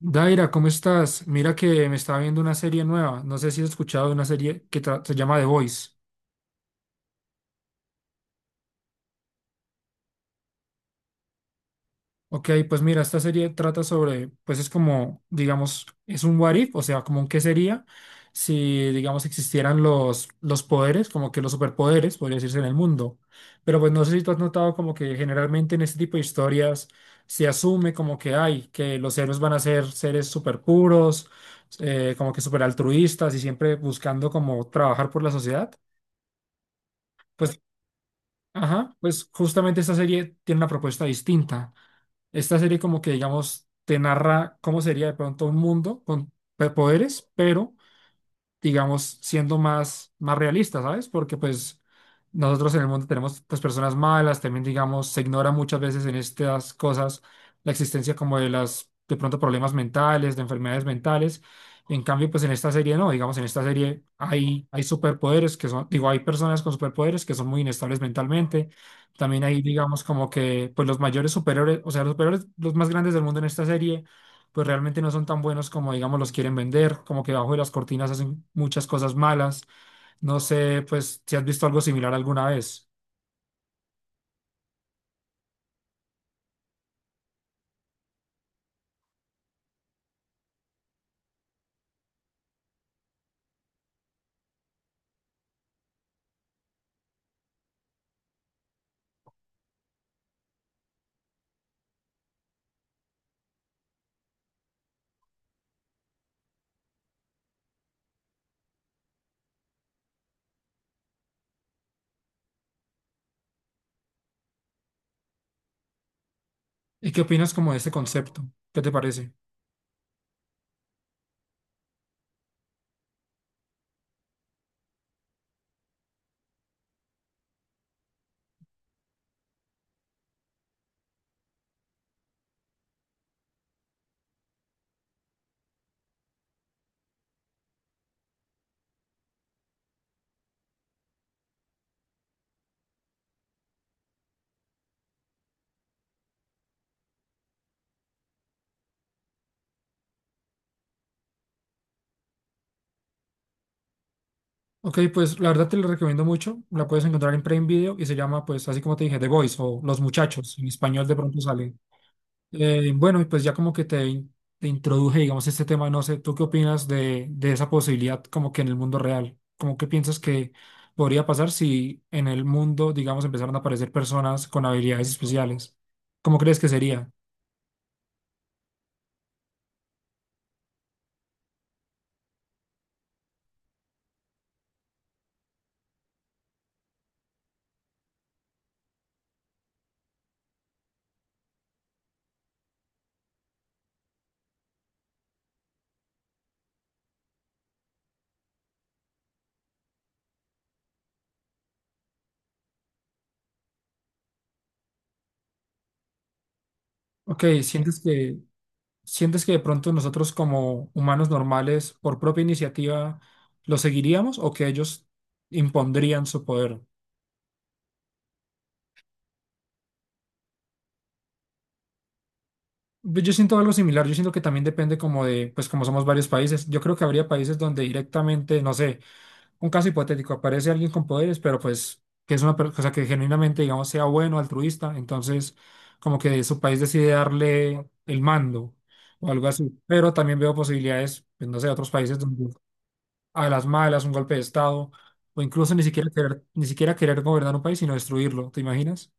Daira, ¿cómo estás? Mira que me estaba viendo una serie nueva. No sé si has escuchado de una serie que se llama The Voice. Ok, pues mira, esta serie trata sobre, pues es como, digamos, es un what if, o sea, como un qué sería si, digamos, existieran los poderes, como que los superpoderes, podría decirse, en el mundo. Pero pues no sé si tú has notado como que generalmente en este tipo de historias se asume como que hay, que los héroes van a ser seres super puros, como que super altruistas y siempre buscando como trabajar por la sociedad. Pues, ajá, pues justamente esta serie tiene una propuesta distinta. Esta serie como que, digamos, te narra cómo sería de pronto un mundo con poderes, pero digamos, siendo más realistas, ¿sabes? Porque pues nosotros en el mundo tenemos pues personas malas, también digamos, se ignora muchas veces en estas cosas la existencia como de de pronto problemas mentales, de enfermedades mentales. En cambio, pues en esta serie no, digamos, en esta serie hay superpoderes que son, digo, hay personas con superpoderes que son muy inestables mentalmente. También hay, digamos, como que pues los mayores superhéroes, o sea, los superhéroes, los más grandes del mundo en esta serie pues realmente no son tan buenos como, digamos, los quieren vender, como que bajo de las cortinas hacen muchas cosas malas. No sé, pues, si has visto algo similar alguna vez. ¿Y qué opinas como de este concepto? ¿Qué te parece? Ok, pues la verdad te lo recomiendo mucho. La puedes encontrar en Prime Video y se llama, pues, así como te dije, The Boys o Los Muchachos. En español de pronto sale. Bueno, y pues ya como que te introduje, digamos, este tema, no sé, ¿tú qué opinas de esa posibilidad como que en el mundo real? ¿Cómo que piensas que podría pasar si en el mundo, digamos, empezaran a aparecer personas con habilidades especiales? ¿Cómo crees que sería? Ok, sientes que de pronto nosotros como humanos normales, por propia iniciativa, lo seguiríamos o que ellos impondrían su poder? Pues yo siento algo similar, yo siento que también depende como de, pues como somos varios países, yo creo que habría países donde directamente, no sé, un caso hipotético, aparece alguien con poderes, pero pues que es una persona que genuinamente, digamos, sea bueno, altruista, entonces como que su país decide darle el mando o algo así, pero también veo posibilidades, pues, no sé, de otros países donde a las malas, un golpe de estado, o incluso ni siquiera querer, ni siquiera querer gobernar un país, sino destruirlo, ¿te imaginas?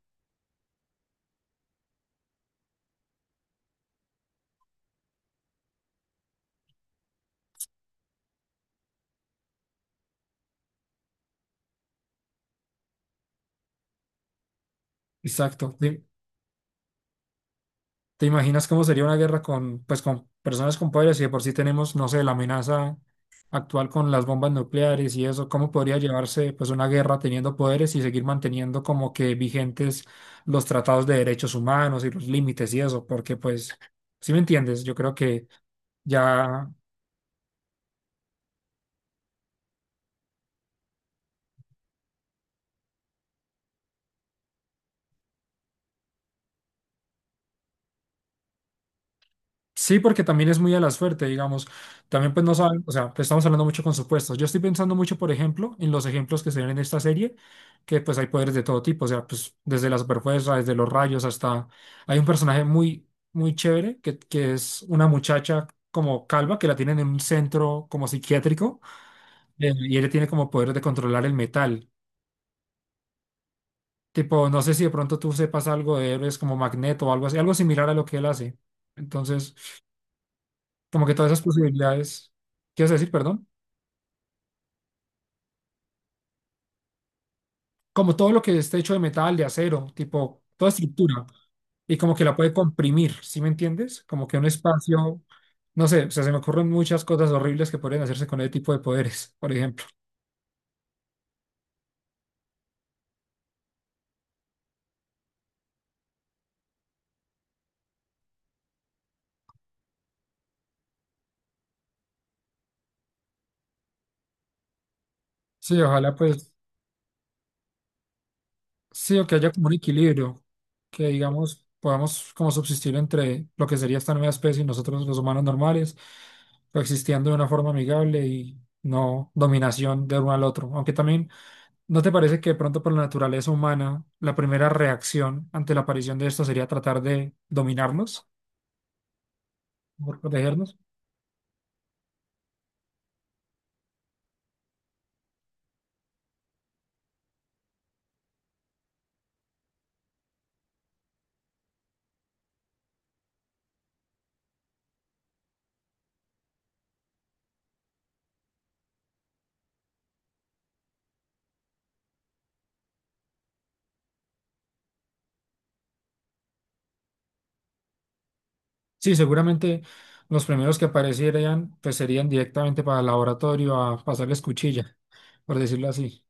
Exacto. Sí. ¿Te imaginas cómo sería una guerra con, pues, con personas con poderes? Y de por sí tenemos, no sé, la amenaza actual con las bombas nucleares y eso, ¿cómo podría llevarse, pues, una guerra teniendo poderes y seguir manteniendo como que vigentes los tratados de derechos humanos y los límites y eso? Porque, pues, si me entiendes, yo creo que ya. Sí, porque también es muy a la suerte, digamos. También pues no saben, o sea, pues estamos hablando mucho con supuestos. Yo estoy pensando mucho, por ejemplo, en los ejemplos que se ven en esta serie, que pues hay poderes de todo tipo, o sea, pues desde la superfuerza, desde los rayos hasta... Hay un personaje muy, muy chévere que es una muchacha como calva que la tienen en un centro como psiquiátrico y ella tiene como poder de controlar el metal. Tipo, no sé si de pronto tú sepas algo de héroes como Magneto o algo así, algo similar a lo que él hace. Entonces... Como que todas esas posibilidades, ¿quieres decir, perdón? Como todo lo que esté hecho de metal, de acero, tipo, toda estructura, y como que la puede comprimir, ¿sí me entiendes? Como que un espacio, no sé, o sea, se me ocurren muchas cosas horribles que podrían hacerse con ese tipo de poderes, por ejemplo. Sí, ojalá pues, sí, o que haya como un equilibrio, que digamos, podamos como subsistir entre lo que sería esta nueva especie y nosotros los humanos normales, coexistiendo de una forma amigable y no dominación de uno al otro, aunque también... ¿No te parece que de pronto por la naturaleza humana, la primera reacción ante la aparición de esto sería tratar de dominarnos, por protegernos? Sí, seguramente los primeros que aparecieran pues serían directamente para el laboratorio a pasarles cuchilla, por decirlo así.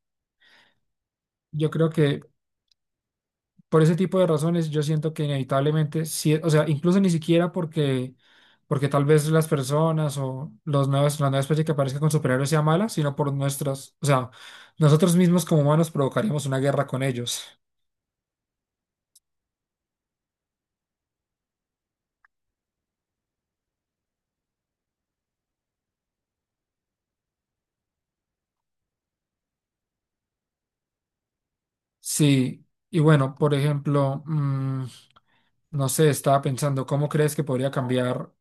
Yo creo que por ese tipo de razones, yo siento que inevitablemente, sí, o sea, incluso ni siquiera porque, porque tal vez las personas o los nuevos, la nueva especie que aparezca con superhéroes sea mala, sino por nuestras, o sea, nosotros mismos como humanos provocaríamos una guerra con ellos. Sí, y bueno, por ejemplo, no sé, estaba pensando, ¿cómo crees que podría cambiar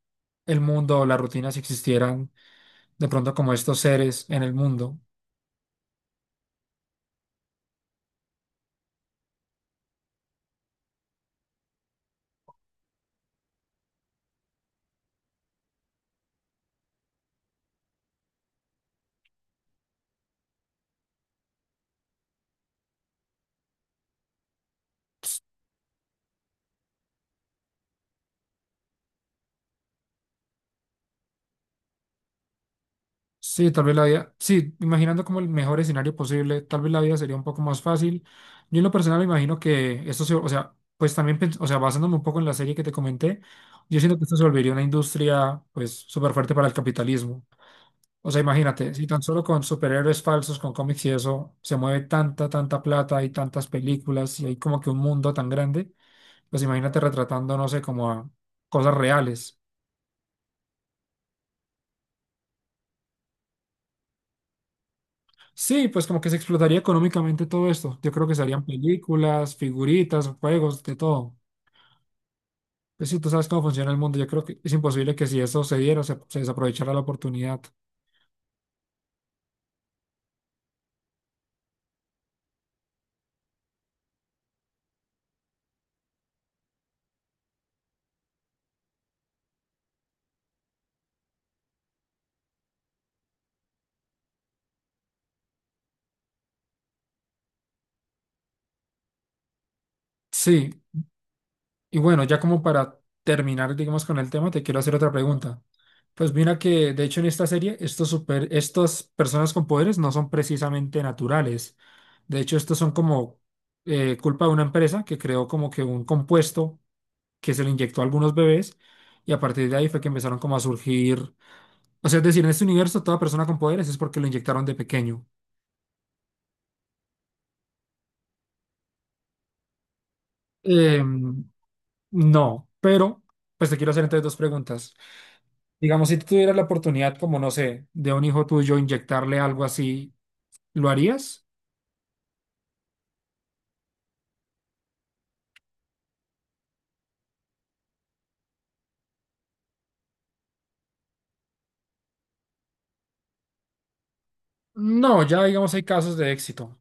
el mundo o la rutina si existieran de pronto como estos seres en el mundo? Sí, tal vez la vida, sí, imaginando como el mejor escenario posible, tal vez la vida sería un poco más fácil. Yo en lo personal imagino que esto se, o sea, pues también, o sea, basándome un poco en la serie que te comenté, yo siento que esto se volvería una industria, pues, súper fuerte para el capitalismo. O sea, imagínate, si tan solo con superhéroes falsos, con cómics y eso, se mueve tanta, tanta plata y tantas películas y hay como que un mundo tan grande, pues imagínate retratando, no sé, como a cosas reales. Sí, pues como que se explotaría económicamente todo esto. Yo creo que se harían películas, figuritas, juegos, de todo. Pues sí, tú sabes cómo funciona el mundo, yo creo que es imposible que si eso se diera, se desaprovechara la oportunidad. Sí, y bueno, ya como para terminar, digamos, con el tema, te quiero hacer otra pregunta. Pues mira que, de hecho, en esta serie, estas personas con poderes no son precisamente naturales. De hecho, estos son como culpa de una empresa que creó como que un compuesto que se le inyectó a algunos bebés y a partir de ahí fue que empezaron como a surgir, o sea, es decir, en este universo toda persona con poderes es porque lo inyectaron de pequeño. Eh, no, pero pues te quiero hacer entonces dos preguntas. Digamos, si tú tuvieras la oportunidad, como no sé, de un hijo tuyo inyectarle algo así, ¿lo harías? No, ya digamos hay casos de éxito.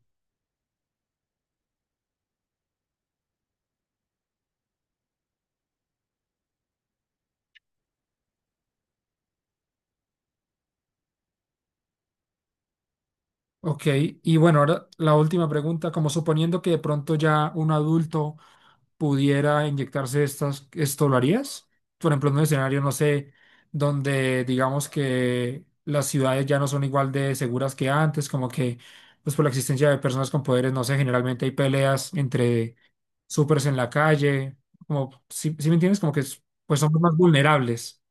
Ok, y bueno, ahora la última pregunta, como suponiendo que de pronto ya un adulto pudiera inyectarse estas, ¿esto lo harías? Por ejemplo, en un escenario, no sé, donde digamos que las ciudades ya no son igual de seguras que antes, como que pues por la existencia de personas con poderes, no sé, generalmente hay peleas entre supers en la calle, como, si me entiendes? Como que pues somos más vulnerables.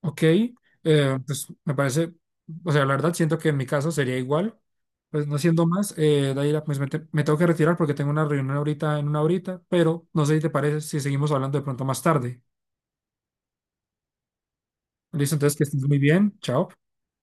Ok, pues me parece, o sea, la verdad siento que en mi caso sería igual, pues no siendo más, Daira, pues me tengo que retirar porque tengo una reunión ahorita en una horita, pero no sé si te parece si seguimos hablando de pronto más tarde. Listo, entonces que estés muy bien, chao.